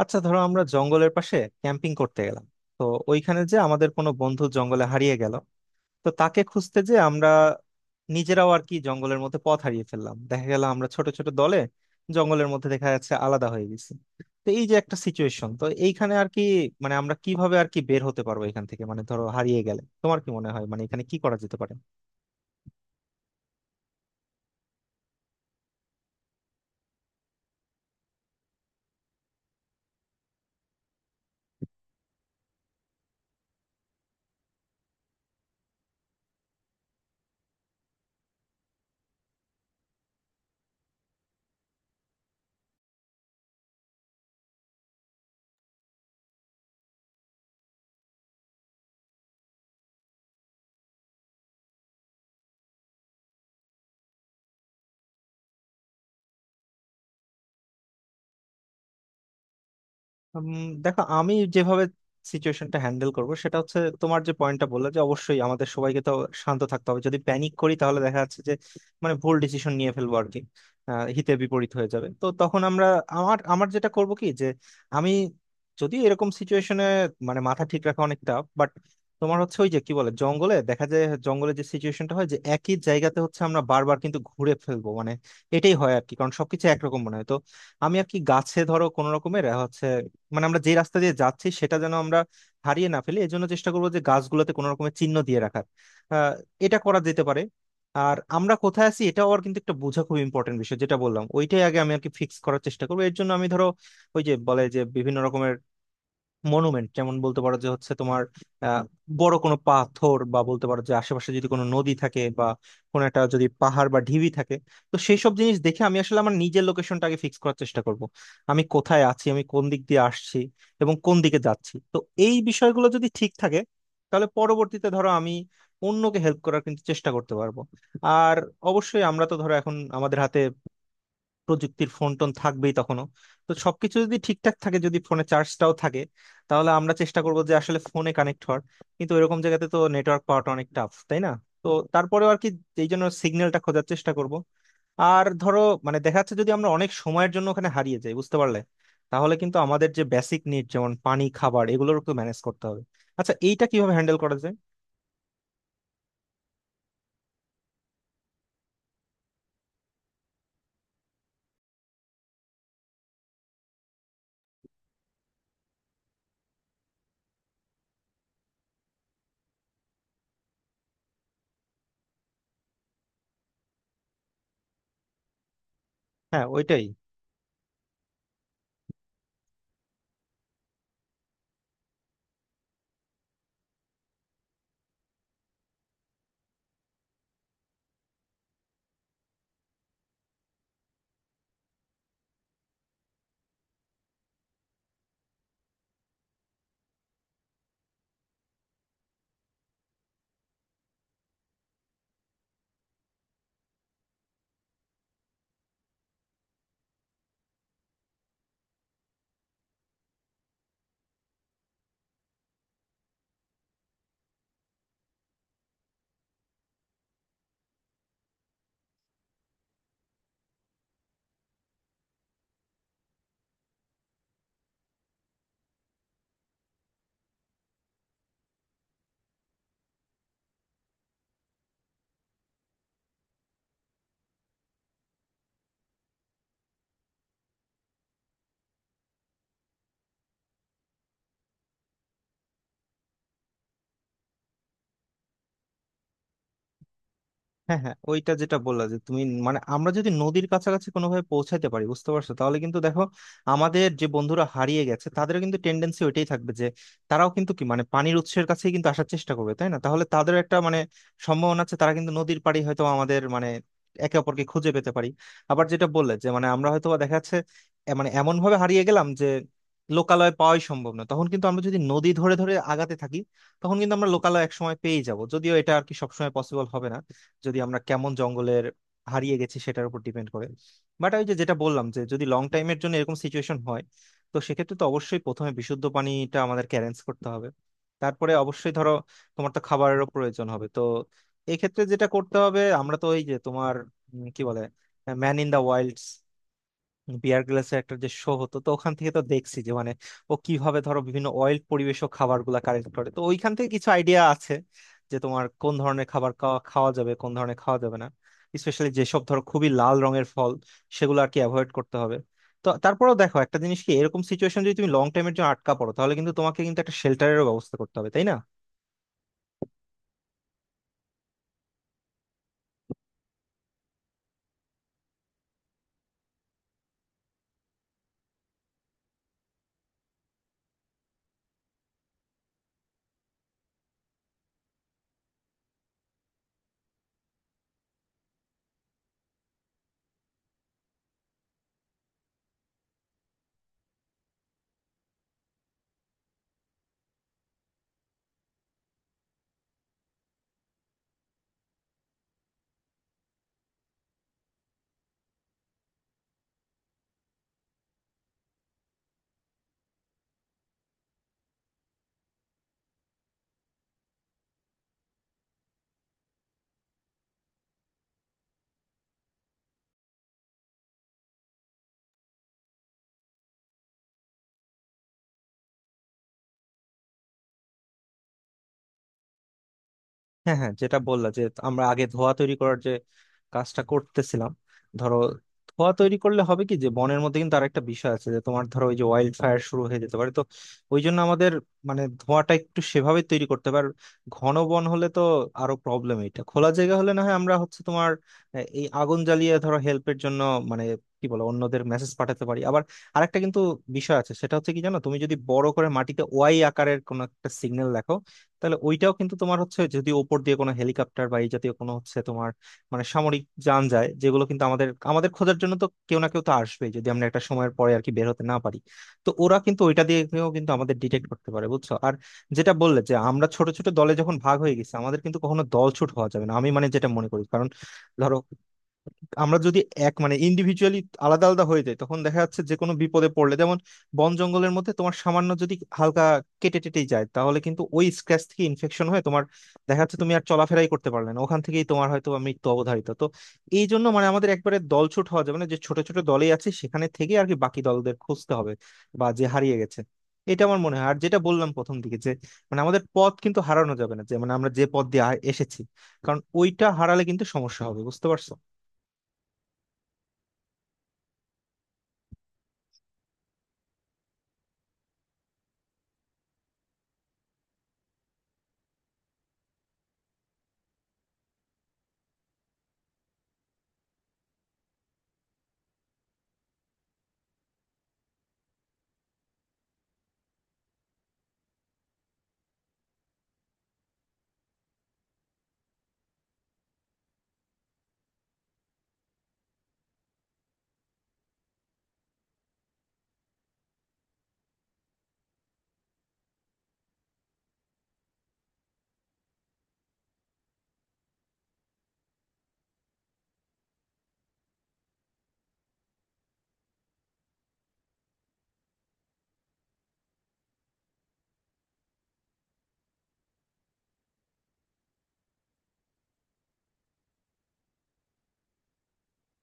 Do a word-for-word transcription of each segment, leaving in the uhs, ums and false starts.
আচ্ছা ধরো আমরা জঙ্গলের পাশে ক্যাম্পিং করতে গেলাম। তো ওইখানে যে আমাদের কোনো বন্ধু জঙ্গলে হারিয়ে গেল, তো তাকে খুঁজতে যে আমরা নিজেরাও আর কি জঙ্গলের মধ্যে পথ হারিয়ে ফেললাম। দেখা গেল আমরা ছোট ছোট দলে জঙ্গলের মধ্যে দেখা যাচ্ছে আলাদা হয়ে গেছি। তো এই যে একটা সিচুয়েশন, তো এইখানে আর কি মানে আমরা কিভাবে আর কি বের হতে পারবো এখান থেকে? মানে ধরো হারিয়ে গেলে তোমার কি মনে হয় মানে এখানে কি করা যেতে পারে? উম, দেখো, আমি যেভাবে সিচুয়েশনটা হ্যান্ডেল করব সেটা হচ্ছে তোমার যে পয়েন্টটা বললে যে অবশ্যই আমাদের সবাইকে তো শান্ত থাকতে হবে। যদি প্যানিক করি তাহলে দেখা যাচ্ছে যে মানে ভুল ডিসিশন নিয়ে ফেলবো আর কি। আহ, হিতে বিপরীত হয়ে যাবে। তো তখন আমরা, আমার আমার যেটা করব কি, যে আমি যদি এরকম সিচুয়েশনে মানে মাথা ঠিক রাখা অনেকটা। বাট তোমার হচ্ছে ওই যে কি বলে, জঙ্গলে দেখা যায়, জঙ্গলে যে সিচুয়েশনটা হয় যে একই জায়গাতে হচ্ছে আমরা বারবার কিন্তু ঘুরে ফেলবো, মানে এটাই হয় আর কি, কারণ সবকিছু একরকম মনে হয়। তো আমি আর কি গাছে ধরো কোন রকমের হচ্ছে, মানে আমরা যে রাস্তা দিয়ে যাচ্ছি সেটা যেন আমরা হারিয়ে না ফেলি, এজন্য চেষ্টা করবো যে গাছগুলোতে কোনো রকমের চিহ্ন দিয়ে রাখার। আহ, এটা করা যেতে পারে। আর আমরা কোথায় আছি এটাও আর কিন্তু একটা, বোঝা খুব ইম্পর্টেন্ট বিষয়, যেটা বললাম ওইটাই আগে আমি আর কি ফিক্স করার চেষ্টা করবো। এর জন্য আমি ধরো ওই যে বলে যে বিভিন্ন রকমের মনুমেন্ট, যেমন বলতে পারো যে হচ্ছে তোমার আহ, বড় কোনো পাথর, বা বলতে পারো যে আশেপাশে যদি কোনো নদী থাকে, বা কোনো একটা যদি পাহাড় বা ঢিবি থাকে, তো সেই সব জিনিস দেখে আমি আসলে আমার নিজের লোকেশনটা আগে ফিক্স করার চেষ্টা করব। আমি কোথায় আছি, আমি কোন দিক দিয়ে আসছি এবং কোন দিকে যাচ্ছি। তো এই বিষয়গুলো যদি ঠিক থাকে তাহলে পরবর্তীতে ধরো আমি অন্যকে হেল্প করার কিন্তু চেষ্টা করতে পারবো। আর অবশ্যই আমরা তো ধরো এখন আমাদের হাতে প্রযুক্তির ফোন টোন থাকবেই তখনও। তো সবকিছু যদি ঠিকঠাক থাকে, যদি ফোনে চার্জটাও থাকে, তাহলে আমরা চেষ্টা করবো যে আসলে ফোনে কানেক্ট হওয়ার। কিন্তু এরকম জায়গাতে তো নেটওয়ার্ক পাওয়াটা অনেক টাফ, তাই না? তো তারপরেও আর কি, এই জন্য সিগন্যালটা খোঁজার চেষ্টা করব। আর ধরো মানে দেখা যাচ্ছে যদি আমরা অনেক সময়ের জন্য ওখানে হারিয়ে যাই, বুঝতে পারলে, তাহলে কিন্তু আমাদের যে বেসিক নিড যেমন পানি, খাবার, এগুলোর তো ম্যানেজ করতে হবে। আচ্ছা, এইটা কিভাবে হ্যান্ডেল করা যায়? হ্যাঁ, ওইটাই। হ্যাঁ, হ্যাঁ, ওইটা যেটা বললা যে তুমি মানে আমরা যদি নদীর কাছাকাছি কোনোভাবে পৌঁছাতে পারি, বুঝতে পারছো, তাহলে কিন্তু দেখো আমাদের যে বন্ধুরা হারিয়ে গেছে তাদের কিন্তু টেন্ডেন্সি ওইটাই থাকবে যে তারাও কিন্তু কি মানে পানির উৎসের কাছেই কিন্তু আসার চেষ্টা করবে, তাই না? তাহলে তাদের একটা মানে সম্ভাবনা আছে তারা কিন্তু নদীর পাড়ে হয়তো, আমাদের মানে একে অপরকে খুঁজে পেতে পারি। আবার যেটা বললে যে মানে আমরা হয়তো বা দেখা যাচ্ছে এ- মানে এমন ভাবে হারিয়ে গেলাম যে লোকালয় পাওয়াই সম্ভব না, তখন কিন্তু আমরা যদি নদী ধরে ধরে আগাতে থাকি তখন কিন্তু আমরা লোকালয় একসময় পেয়ে যাব, যদিও এটা আর কি সবসময় পসিবল হবে না। যদি আমরা কেমন জঙ্গলের হারিয়ে গেছি সেটার উপর ডিপেন্ড করে। বাট আমি যে যেটা বললাম, যে যদি লং টাইমের জন্য এরকম সিচুয়েশন হয়, তো সেক্ষেত্রে তো অবশ্যই প্রথমে বিশুদ্ধ পানিটা আমাদেরকে অ্যারেঞ্জ করতে হবে। তারপরে অবশ্যই ধরো তোমার তো খাবারেরও প্রয়োজন হবে। তো এক্ষেত্রে যেটা করতে হবে, আমরা তো ওই যে তোমার উম, কি বলে, ম্যান ইন দা ওয়াইল্ডস, বিয়ার গ্রিলসের একটা যে শো হতো, তো ওখান থেকে তো দেখছি যে মানে ও কিভাবে ধরো বিভিন্ন অয়েল পরিবেশক খাবারগুলা কালেক্ট করে, তো ওইখান থেকে কিছু আইডিয়া আছে যে তোমার কোন ধরনের খাবার খাওয়া খাওয়া যাবে, কোন ধরনের খাওয়া যাবে না। স্পেশালি যেসব ধরো খুবই লাল রঙের ফল সেগুলো আর কি অ্যাভয়েড করতে হবে। তো তারপরেও দেখো, একটা জিনিস কি, এরকম সিচুয়েশন যদি তুমি লং টাইমের জন্য আটকা পড়ো, তাহলে কিন্তু তোমাকে কিন্তু একটা শেল্টারেরও ব্যবস্থা করতে হবে, তাই না? হ্যাঁ, হ্যাঁ, যেটা বললা যে আমরা আগে ধোঁয়া তৈরি করার যে কাজটা করতেছিলাম, ধরো ধোঁয়া তৈরি করলে হবে কি, যে বনের মধ্যে কিন্তু আরেকটা বিষয় আছে যে তোমার ধরো ওই যে ওয়াইল্ড ফায়ার শুরু হয়ে যেতে পারে। তো ওই জন্য আমাদের মানে ধোঁয়াটা একটু সেভাবে তৈরি করতে পারে। ঘন বন হলে তো আরো প্রবলেম, এটা খোলা জায়গা হলে না হয় আমরা হচ্ছে তোমার আহ, এই আগুন জ্বালিয়ে ধরো হেল্পের জন্য মানে কি বলে অন্যদের মেসেজ পাঠাতে পারি। আবার আরেকটা কিন্তু বিষয় আছে, সেটা হচ্ছে কি জানো, তুমি যদি বড় করে মাটিতে ওয়াই আকারের কোনো একটা সিগন্যাল লেখো, তাহলে ওইটাও কিন্তু তোমার হচ্ছে যদি ওপর দিয়ে কোনো হেলিকপ্টার বা এই জাতীয় কোনো হচ্ছে তোমার মানে সামরিক যান যায়, যেগুলো কিন্তু আমাদের আমাদের খোঁজার জন্য তো কেউ না কেউ তো আসবে যদি আমরা একটা সময়ের পরে আর কি বের হতে না পারি, তো ওরা কিন্তু ওইটা দিয়েও কিন্তু আমাদের ডিটেক্ট করতে পারে, বুঝছো। আর যেটা বললে যে আমরা ছোট ছোট দলে যখন ভাগ হয়ে গেছি, আমাদের কিন্তু কখনো দল ছুট হওয়া যাবে না, আমি মানে যেটা মনে করি। কারণ ধরো আমরা যদি এক মানে ইন্ডিভিজুয়ালি আলাদা আলাদা হয়ে যাই, তখন দেখা যাচ্ছে যে কোনো বিপদে পড়লে, যেমন বন জঙ্গলের মধ্যে তোমার সামান্য যদি হালকা কেটে টেটেই যায়, তাহলে কিন্তু ওই স্ক্র্যাচ থেকে ইনফেকশন হয়ে তোমার দেখা যাচ্ছে তুমি আর চলাফেরাই করতে পারলে না, ওখান থেকেই তোমার হয়তো মৃত্যু অবধারিত। তো এই জন্য মানে আমাদের একবারে দলছুট হওয়া যাবে না, যে ছোট ছোট দলেই আছে সেখানে থেকে আর কি বাকি দলদের খুঁজতে হবে, বা যে হারিয়ে গেছে। এটা আমার মনে হয়। আর যেটা বললাম প্রথম দিকে যে মানে আমাদের পথ কিন্তু হারানো যাবে না, যে মানে আমরা যে পথ দিয়ে আ- এসেছি, কারণ ওইটা হারালে কিন্তু সমস্যা হবে, বুঝতে পারছো।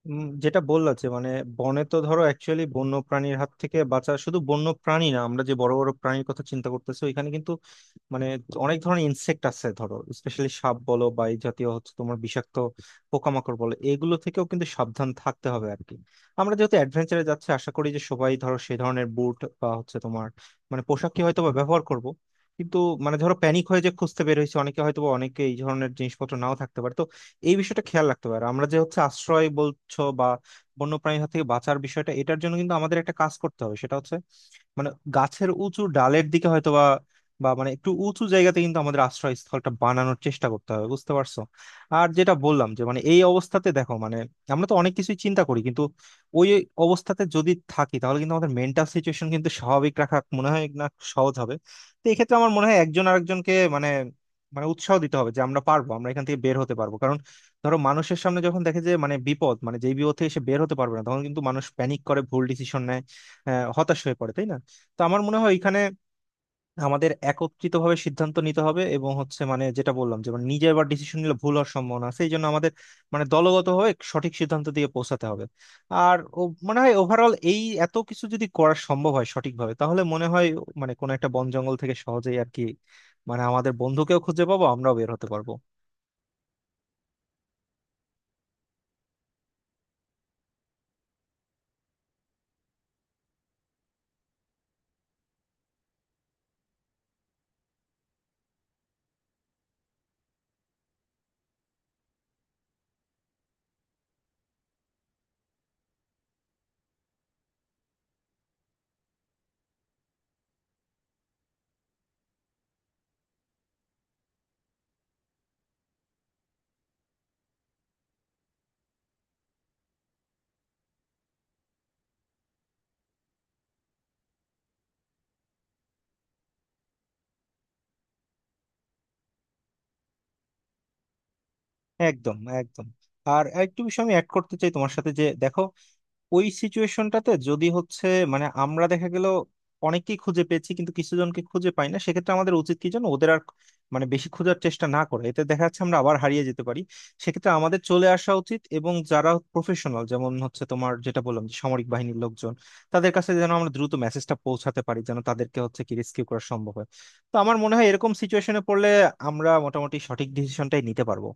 উম, যেটা বললা যে মানে বনে তো ধরো অ্যাকচুয়ালি বন্য প্রাণীর হাত থেকে বাঁচা, শুধু বন্য প্রাণী না, আমরা যে বড় বড় প্রাণীর কথা চিন্তা করতেছি ওইখানে কিন্তু মানে অনেক ধরনের ইনসেক্ট আছে, ধরো স্পেশালি সাপ বলো বা এই জাতীয় হচ্ছে তোমার বিষাক্ত পোকামাকড় বলো, এগুলো থেকেও কিন্তু সাবধান থাকতে হবে আর কি। আমরা যেহেতু অ্যাডভেঞ্চারে যাচ্ছি, আশা করি যে সবাই ধরো সেই ধরনের বুট বা হচ্ছে তোমার মানে পোশাকই হয়তো বা ব্যবহার করব। কিন্তু মানে ধরো প্যানিক হয়ে যে খুঁজতে বের হয়েছে অনেকে, হয়তো বা অনেকে এই ধরনের জিনিসপত্র নাও থাকতে পারে। তো এই বিষয়টা খেয়াল রাখতে পারে। আমরা যে হচ্ছে আশ্রয় বলছো বা বন্যপ্রাণীর হাত থেকে বাঁচার বিষয়টা, এটার জন্য কিন্তু আমাদের একটা কাজ করতে হবে, সেটা হচ্ছে মানে গাছের উঁচু ডালের দিকে হয়তো বা, বা মানে একটু উঁচু জায়গাতে কিন্তু আমাদের আশ্রয়স্থলটা বানানোর চেষ্টা করতে হবে, বুঝতে পারছো। আর যেটা বললাম যে মানে এই অবস্থাতে দেখো, মানে আমরা তো অনেক কিছুই চিন্তা করি, কিন্তু ওই অবস্থাতে যদি থাকি তাহলে কিন্তু আমাদের মেন্টাল সিচুয়েশন কিন্তু স্বাভাবিক রাখা মনে হয় না সহজ হবে। তো এক্ষেত্রে আমার মনে হয় একজন আরেকজনকে মানে, মানে উৎসাহ দিতে হবে যে আমরা পারবো, আমরা এখান থেকে বের হতে পারবো। কারণ ধরো মানুষের সামনে যখন দেখে যে মানে বিপদ, মানে যেই বিপদ থেকে সে বের হতে পারবে না, তখন কিন্তু মানুষ প্যানিক করে ভুল ডিসিশন নেয়, আহ, হতাশ হয়ে পড়ে, তাই না? তো আমার মনে হয় এখানে আমাদের একত্রিত ভাবে সিদ্ধান্ত নিতে হবে, এবং হচ্ছে মানে যেটা বললাম যে মানে নিজে আবার ডিসিশন নিলে ভুল হওয়ার সম্ভাবনা আছে, এই জন্য আমাদের মানে দলগত হয়ে সঠিক সিদ্ধান্ত দিয়ে পৌঁছাতে হবে। আর ও মনে হয় ওভারঅল এই এত কিছু যদি করা সম্ভব হয় সঠিকভাবে, তাহলে মনে হয় মানে কোনো একটা বন জঙ্গল থেকে সহজেই আর কি মানে আমাদের বন্ধুকেও খুঁজে পাবো, আমরাও বের হতে পারবো। একদম, একদম। আর একটু বিষয় আমি অ্যাড করতে চাই তোমার সাথে, যে দেখো ওই সিচুয়েশনটাতে যদি হচ্ছে মানে আমরা দেখা গেল অনেককেই খুঁজে পেয়েছি কিন্তু কিছু জনকে খুঁজে পাই না, সেক্ষেত্রে আমাদের উচিত কি যেন ওদের আর মানে বেশি খোঁজার চেষ্টা না করে, এতে দেখা যাচ্ছে আমরা আবার হারিয়ে যেতে পারি। সেক্ষেত্রে আমাদের চলে আসা উচিত এবং যারা প্রফেশনাল যেমন হচ্ছে তোমার যেটা বললাম যে সামরিক বাহিনীর লোকজন, তাদের কাছে যেন আমরা দ্রুত মেসেজটা পৌঁছাতে পারি, যেন তাদেরকে হচ্ছে কি রেস্কিউ করা সম্ভব হয়। তো আমার মনে হয় এরকম সিচুয়েশনে পড়লে আমরা মোটামুটি সঠিক ডিসিশনটাই নিতে পারবো।